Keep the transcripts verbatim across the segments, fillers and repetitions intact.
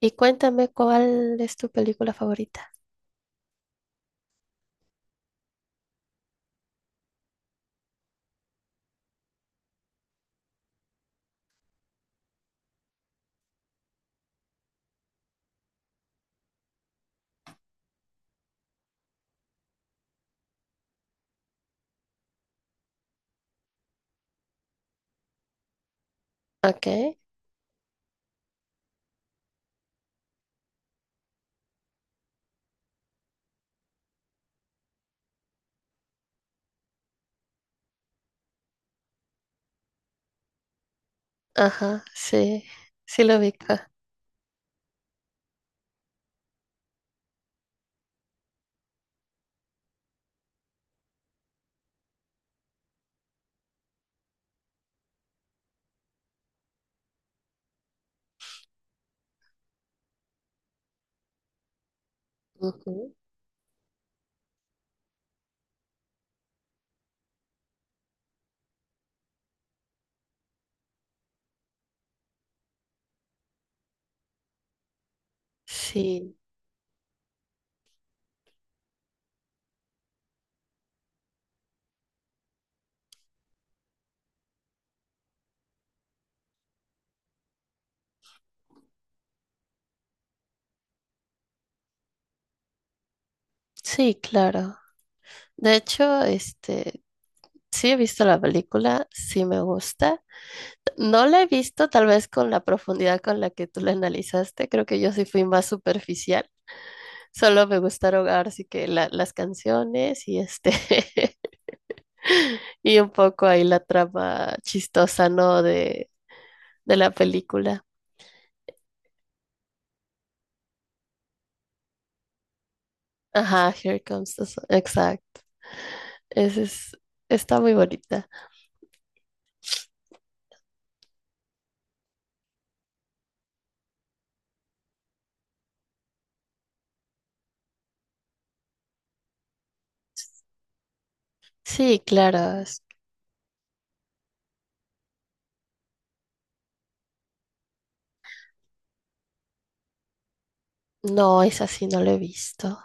Y cuéntame cuál es tu película favorita. Ok. Ajá, sí, sí lo ubica. Ujú. Sí, sí, claro. De hecho, este, sí he visto la película, sí me gusta. No la he visto tal vez con la profundidad con la que tú la analizaste, creo que yo sí fui más superficial. Solo me gustaron ahora sí que la- las canciones y este y un poco ahí la trama chistosa, ¿no? de de la película. Ajá, Here Comes the Sun. Exacto. Ese es, está muy bonita. Sí, claro. Es... No, esa sí no la he visto.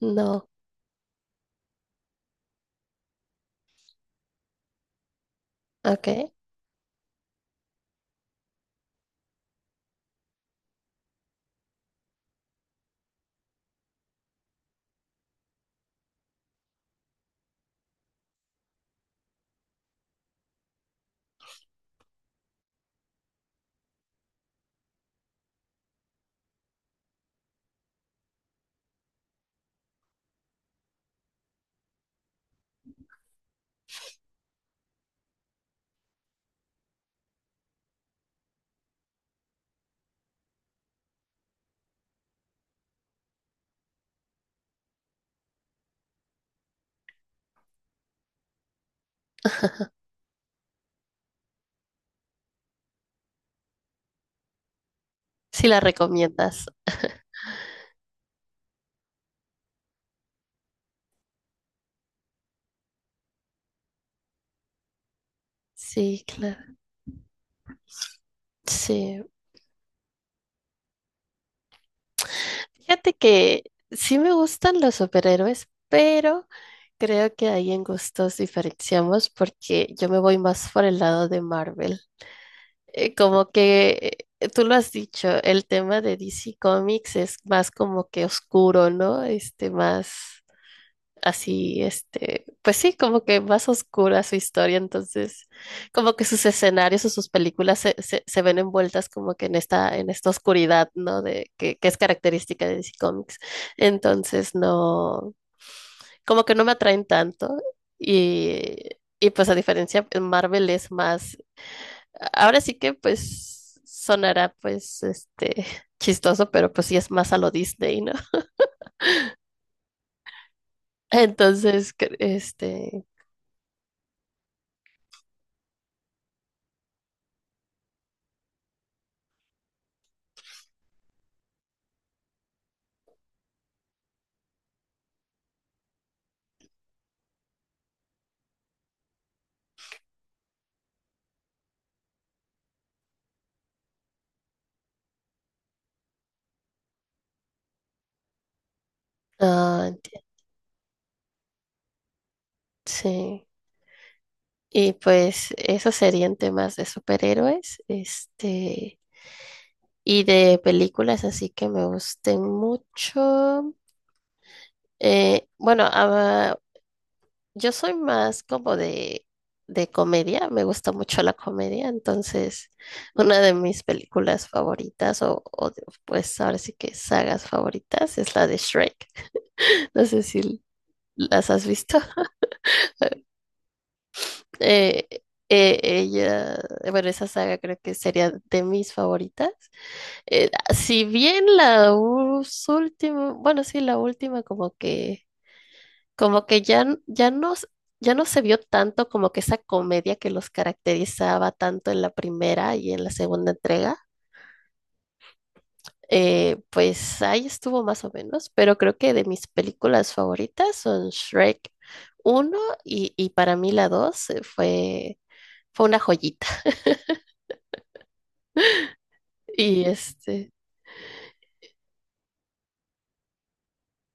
No. Ok. Sí la recomiendas. Sí, claro. Sí. Fíjate que sí me gustan los superhéroes, pero creo que ahí en gustos diferenciamos porque yo me voy más por el lado de Marvel. Eh, como que eh, tú lo has dicho, el tema de D C Comics es más como que oscuro, ¿no? Este, más así, este, pues sí, como que más oscura su historia. Entonces, como que sus escenarios o sus películas se, se, se ven envueltas como que en esta, en esta oscuridad, ¿no? De, que, que es característica de D C Comics. Entonces, no, como que no me atraen tanto y... Y pues a diferencia, Marvel es más ahora sí que pues sonará pues este chistoso, pero pues sí es más a lo Disney, ¿no? Entonces, que- este, ah, entiendo, sí. Y pues esos serían temas de superhéroes, este, y de películas así que me gusten mucho. Eh, bueno, ah, Yo soy más como de, de comedia, me gusta mucho la comedia. Entonces, una de mis películas favoritas o, o de- pues ahora sí que sagas favoritas es la de Shrek. No sé si las has visto. Eh, eh, ella, bueno, esa saga creo que sería de mis favoritas. Eh, si bien la última, bueno, sí, la última como que... Como que ya, n- ya no, s- ya no se vio tanto como que esa comedia que los caracterizaba tanto en la primera y en la segunda entrega. Eh, pues ahí estuvo más o menos, pero creo que de mis películas favoritas son Shrek uno y, y para mí la dos eh, fue, fue una joyita. Y este,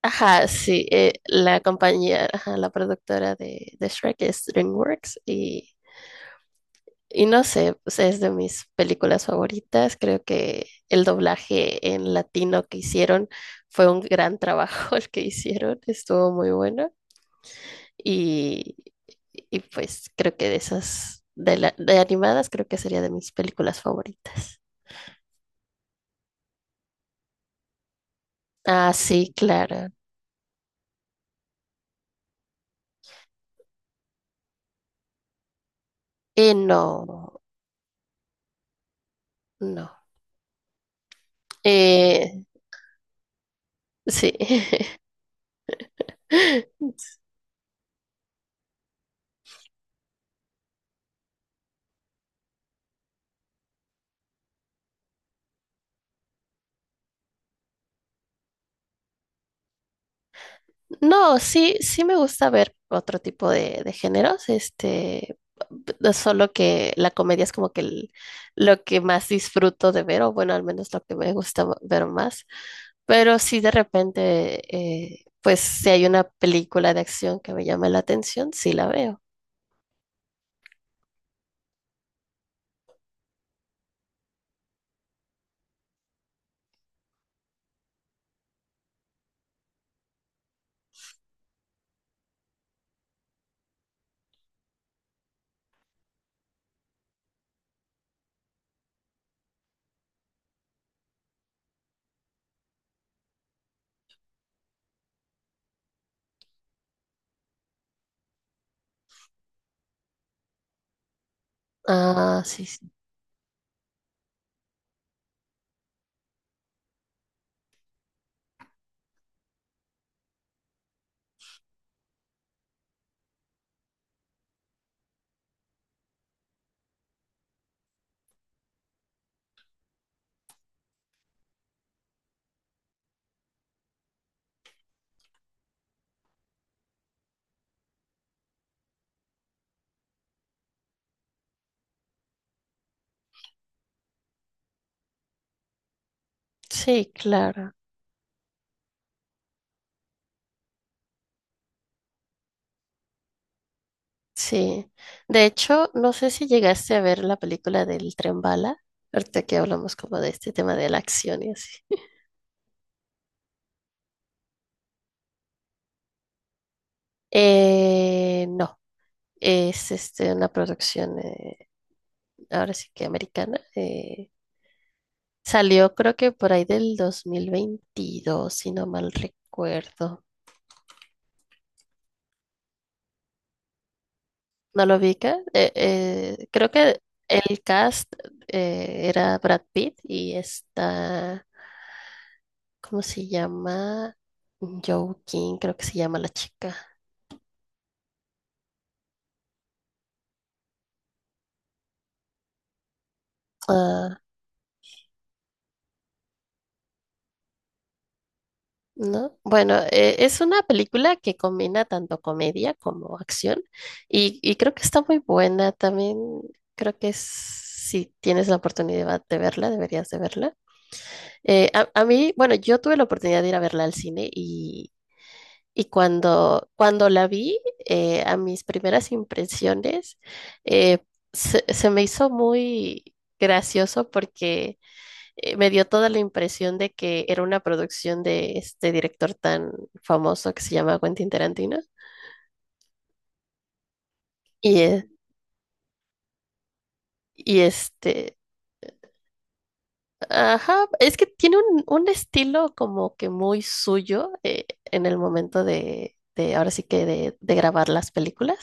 ajá, sí, eh, la compañía, ajá, la productora de, de Shrek es DreamWorks. y Y no sé, o sea, es de mis películas favoritas. Creo que el doblaje en latino que hicieron fue un gran trabajo el que hicieron, estuvo muy bueno. Y, y pues creo que de esas, de, la- de animadas, creo que sería de mis películas favoritas. Ah, sí, claro. Eh, no, no. Eh, sí. No, sí, sí me gusta ver otro tipo de, de géneros. Este, p- solo que la comedia es como que el- lo que más disfruto de ver, o bueno, al menos lo que me gusta ma- ver más. Pero sí de repente, eh, pues si hay una película de acción que me llame la atención, sí la veo. Ah, sí, sí, sí, claro, sí. De hecho, no sé si llegaste a ver la película del Tren Bala, ahorita que hablamos como de este tema de la acción y así. Eh, no. Es este, una producción, eh, ahora sí que americana. Eh, salió creo que por ahí del dos mil veintidós si no mal recuerdo. ¿No lo ubica? Eh, eh, creo que el cast eh, era Brad Pitt y está, ¿cómo se llama? Joaquin, creo que se llama la chica. Ah. ¿No? Bueno, eh, es una película que combina tanto comedia como acción y, y creo que está muy buena. También creo que es- si tienes la oportunidad de verla, deberías de verla. Eh, a, a mí, bueno, yo tuve la oportunidad de ir a verla al cine y, y cuando, cuando la vi, eh, a mis primeras impresiones, eh, se, se me hizo muy gracioso porque eh, me dio toda la impresión de que era una producción de este director tan famoso que se llama Quentin Tarantino. Y, eh, y este, Ajá, es que tiene un, un estilo como que muy suyo eh, en el momento de, de ahora sí que de, de grabar las películas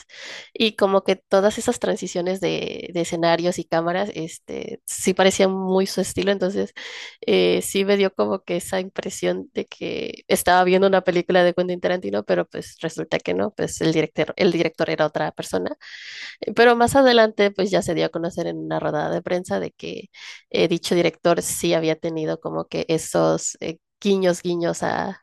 y como que todas esas transiciones de, de escenarios y cámaras. Este, sí parecía muy su estilo, entonces eh, sí me dio como que esa impresión de que estaba viendo una película de Quentin Tarantino, pero pues resulta que no, pues el director, el director era otra persona, pero más adelante, pues ya se dio a conocer en una rodada de prensa de que eh, dicho director sí había tenido como que esos eh, guiños, guiños a,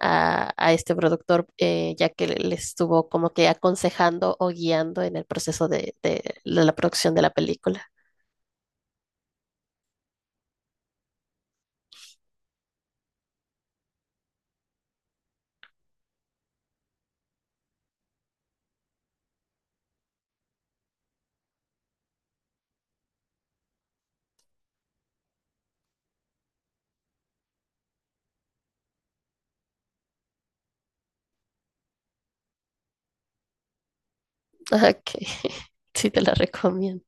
a, a este productor, eh, ya que le le estuvo como que aconsejando o guiando en el proceso de, de la producción de la película. Ok, sí te la recomiendo.